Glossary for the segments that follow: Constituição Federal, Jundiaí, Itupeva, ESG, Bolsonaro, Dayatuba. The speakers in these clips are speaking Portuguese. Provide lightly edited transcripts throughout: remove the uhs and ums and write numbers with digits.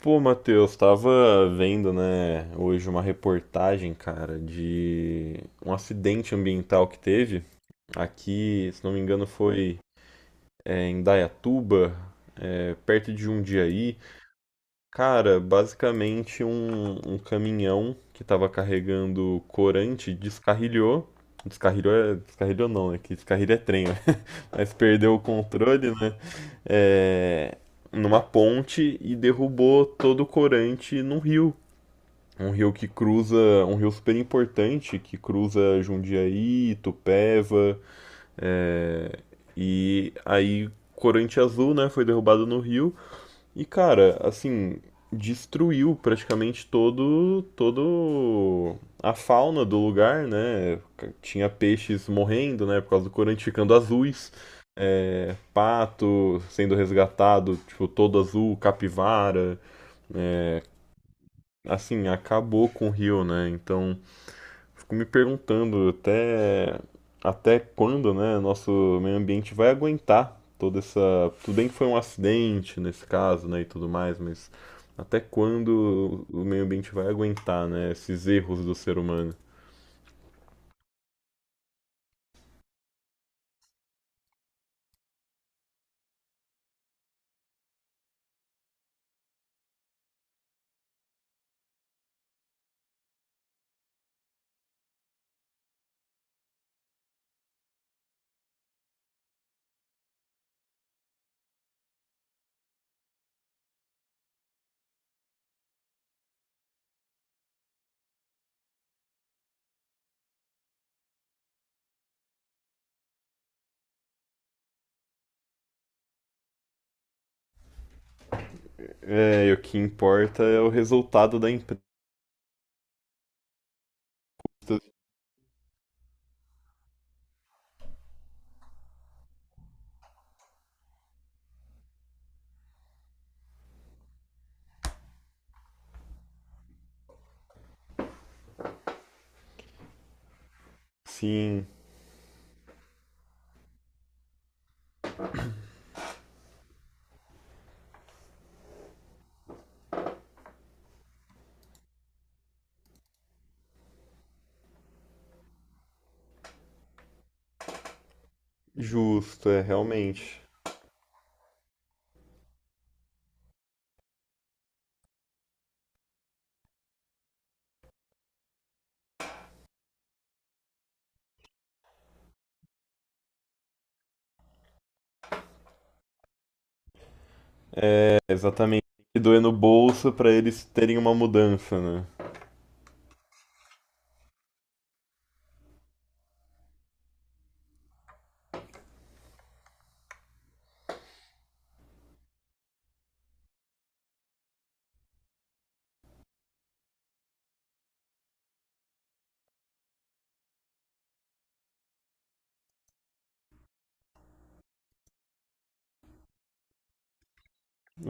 Pô, Matheus, tava vendo, né, hoje uma reportagem, cara, de um acidente ambiental que teve aqui, se não me engano, foi em Dayatuba, perto de Jundiaí. Cara, basicamente um caminhão que estava carregando corante descarrilhou. Descarrilhou, descarrilhou não, né? Que descarrilho é trem, né? Mas perdeu o controle, né? É, numa ponte e derrubou todo o corante num rio. Um rio que cruza, Um rio super importante que cruza Jundiaí, Itupeva, é, e aí corante azul, né? Foi derrubado no rio. E, cara, assim, destruiu praticamente todo a fauna do lugar, né? Tinha peixes morrendo, né? Por causa do corante ficando azuis. Pato sendo resgatado, tipo, todo azul, capivara. é, assim, acabou com o rio, né? Então, fico me perguntando até quando, né, nosso meio ambiente vai aguentar toda essa. Tudo bem que foi um acidente nesse caso, né, e tudo mais, mas até quando o meio ambiente vai aguentar, né, esses erros do ser humano? É, e o que importa é o resultado da empresa. Sim, justo, é realmente. É, exatamente. E doer no bolso para eles terem uma mudança, né?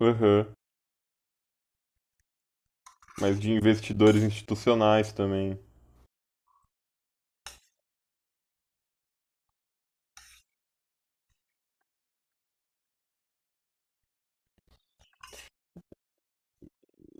Aham. Mas de investidores institucionais também.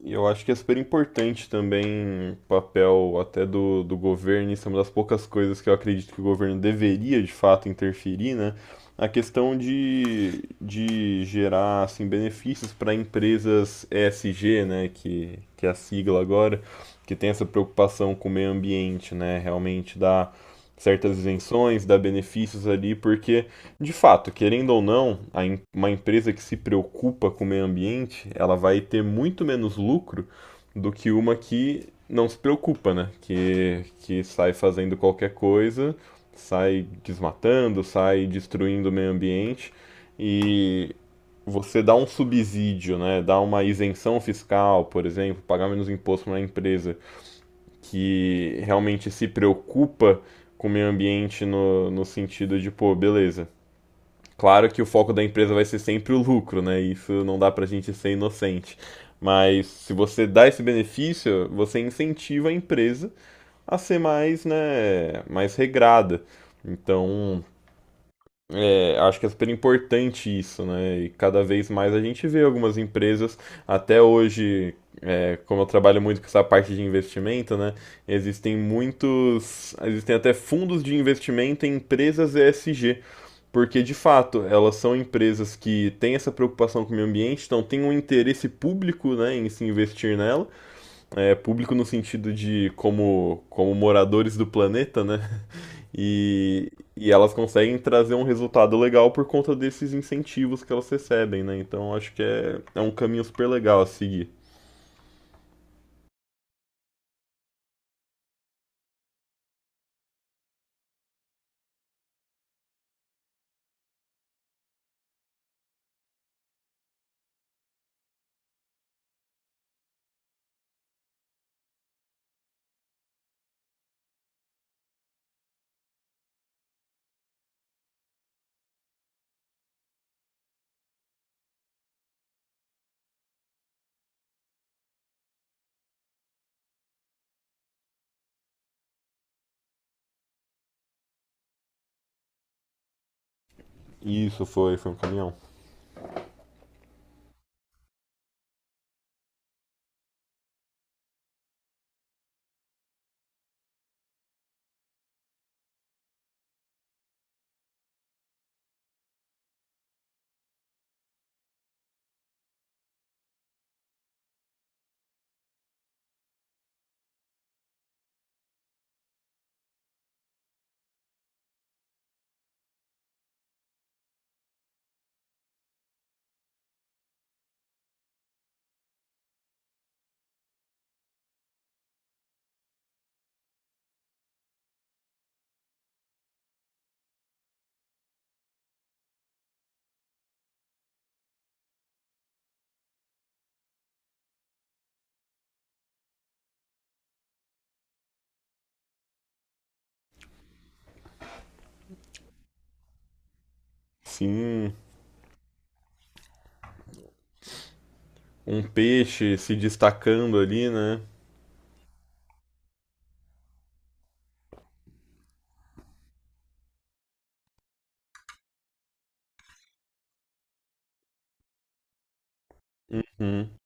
E eu acho que é super importante também o papel até do, do governo, isso é uma das poucas coisas que eu acredito que o governo deveria de fato interferir, né? A questão de gerar assim, benefícios para empresas ESG né? Que é a sigla agora, que tem essa preocupação com o meio ambiente, né? Realmente dá certas isenções, dá benefícios ali, porque de fato, querendo ou não, uma empresa que se preocupa com o meio ambiente, ela vai ter muito menos lucro do que uma que não se preocupa, né? Que sai fazendo qualquer coisa, sai desmatando, sai destruindo o meio ambiente e você dá um subsídio, né? Dá uma isenção fiscal, por exemplo, pagar menos imposto para uma empresa que realmente se preocupa com o meio ambiente no, no sentido de, pô, beleza. Claro que o foco da empresa vai ser sempre o lucro, né? Isso não dá pra gente ser inocente. Mas se você dá esse benefício, você incentiva a empresa a ser mais, né, mais regrada. Então, acho que é super importante isso, né? E cada vez mais a gente vê algumas empresas, até hoje, como eu trabalho muito com essa parte de investimento, né? Existem muitos. Existem até fundos de investimento em empresas ESG. Porque, de fato, elas são empresas que têm essa preocupação com o meio ambiente, então tem um interesse público né, em se investir nela. Público no sentido de como, moradores do planeta, né? E, e elas conseguem trazer um resultado legal por conta desses incentivos que elas recebem, né? Então acho que é um caminho super legal a seguir. Isso foi um caminhão. Sim, um peixe se destacando ali, né? Hum.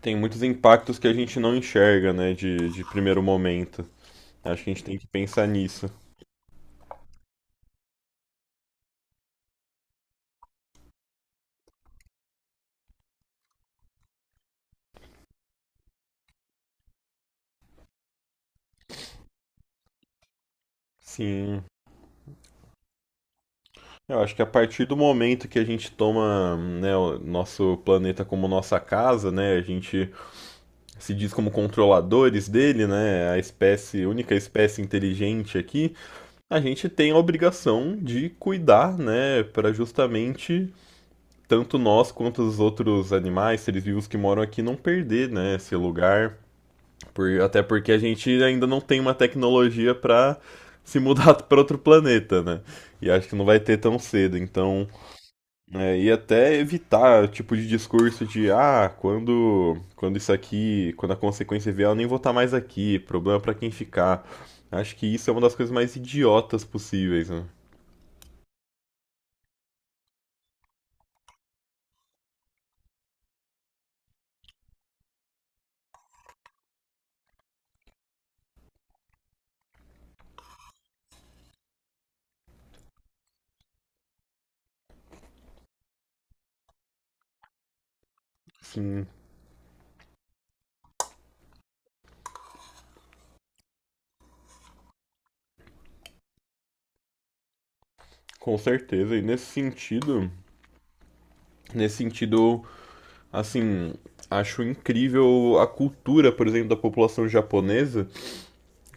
Tem muitos impactos que a gente não enxerga, né, de, primeiro momento. Acho que a gente tem que pensar nisso. Sim, eu acho que a partir do momento que a gente toma, né, o nosso planeta como nossa casa, né, a gente se diz como controladores dele, né, a espécie, única espécie inteligente aqui, a gente tem a obrigação de cuidar, né, para justamente tanto nós quanto os outros animais, seres vivos que moram aqui, não perder, né, esse lugar. Por, até porque a gente ainda não tem uma tecnologia para se mudar para outro planeta, né? E acho que não vai ter tão cedo, então. E até evitar o tipo de discurso de ah, quando isso aqui, quando a consequência vier, eu nem vou estar mais aqui, problema para quem ficar. Acho que isso é uma das coisas mais idiotas possíveis, né? Sim, com certeza. E nesse sentido, assim, acho incrível a cultura, por exemplo, da população japonesa,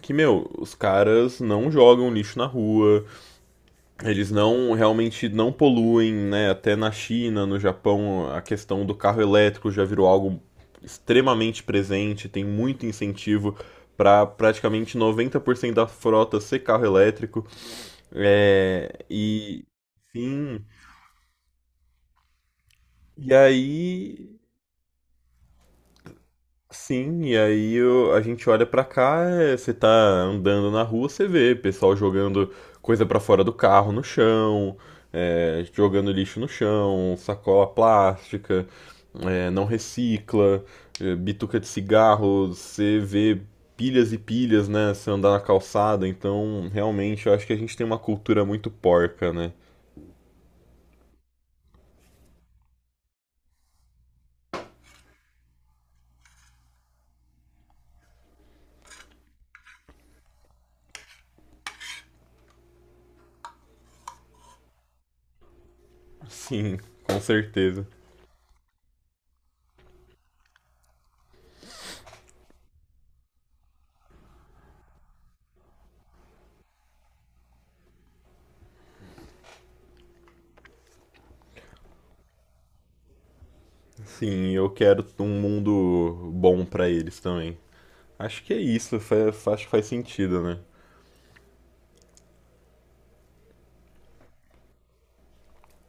que, meu, os caras não jogam lixo na rua, eles não realmente não poluem, né? Até na China, no Japão, a questão do carro elétrico já virou algo extremamente presente, tem muito incentivo para praticamente 90% da frota ser carro elétrico. É, e, enfim, e aí, sim, e aí a gente olha pra cá, você tá andando na rua, você vê pessoal jogando coisa pra fora do carro no chão, jogando lixo no chão, sacola plástica, não recicla, bituca de cigarro, você vê pilhas e pilhas, né, se andar na calçada, então realmente eu acho que a gente tem uma cultura muito porca, né? Sim, com certeza. Sim, eu quero um mundo bom pra eles também. Acho que é isso, acho que faz sentido, né?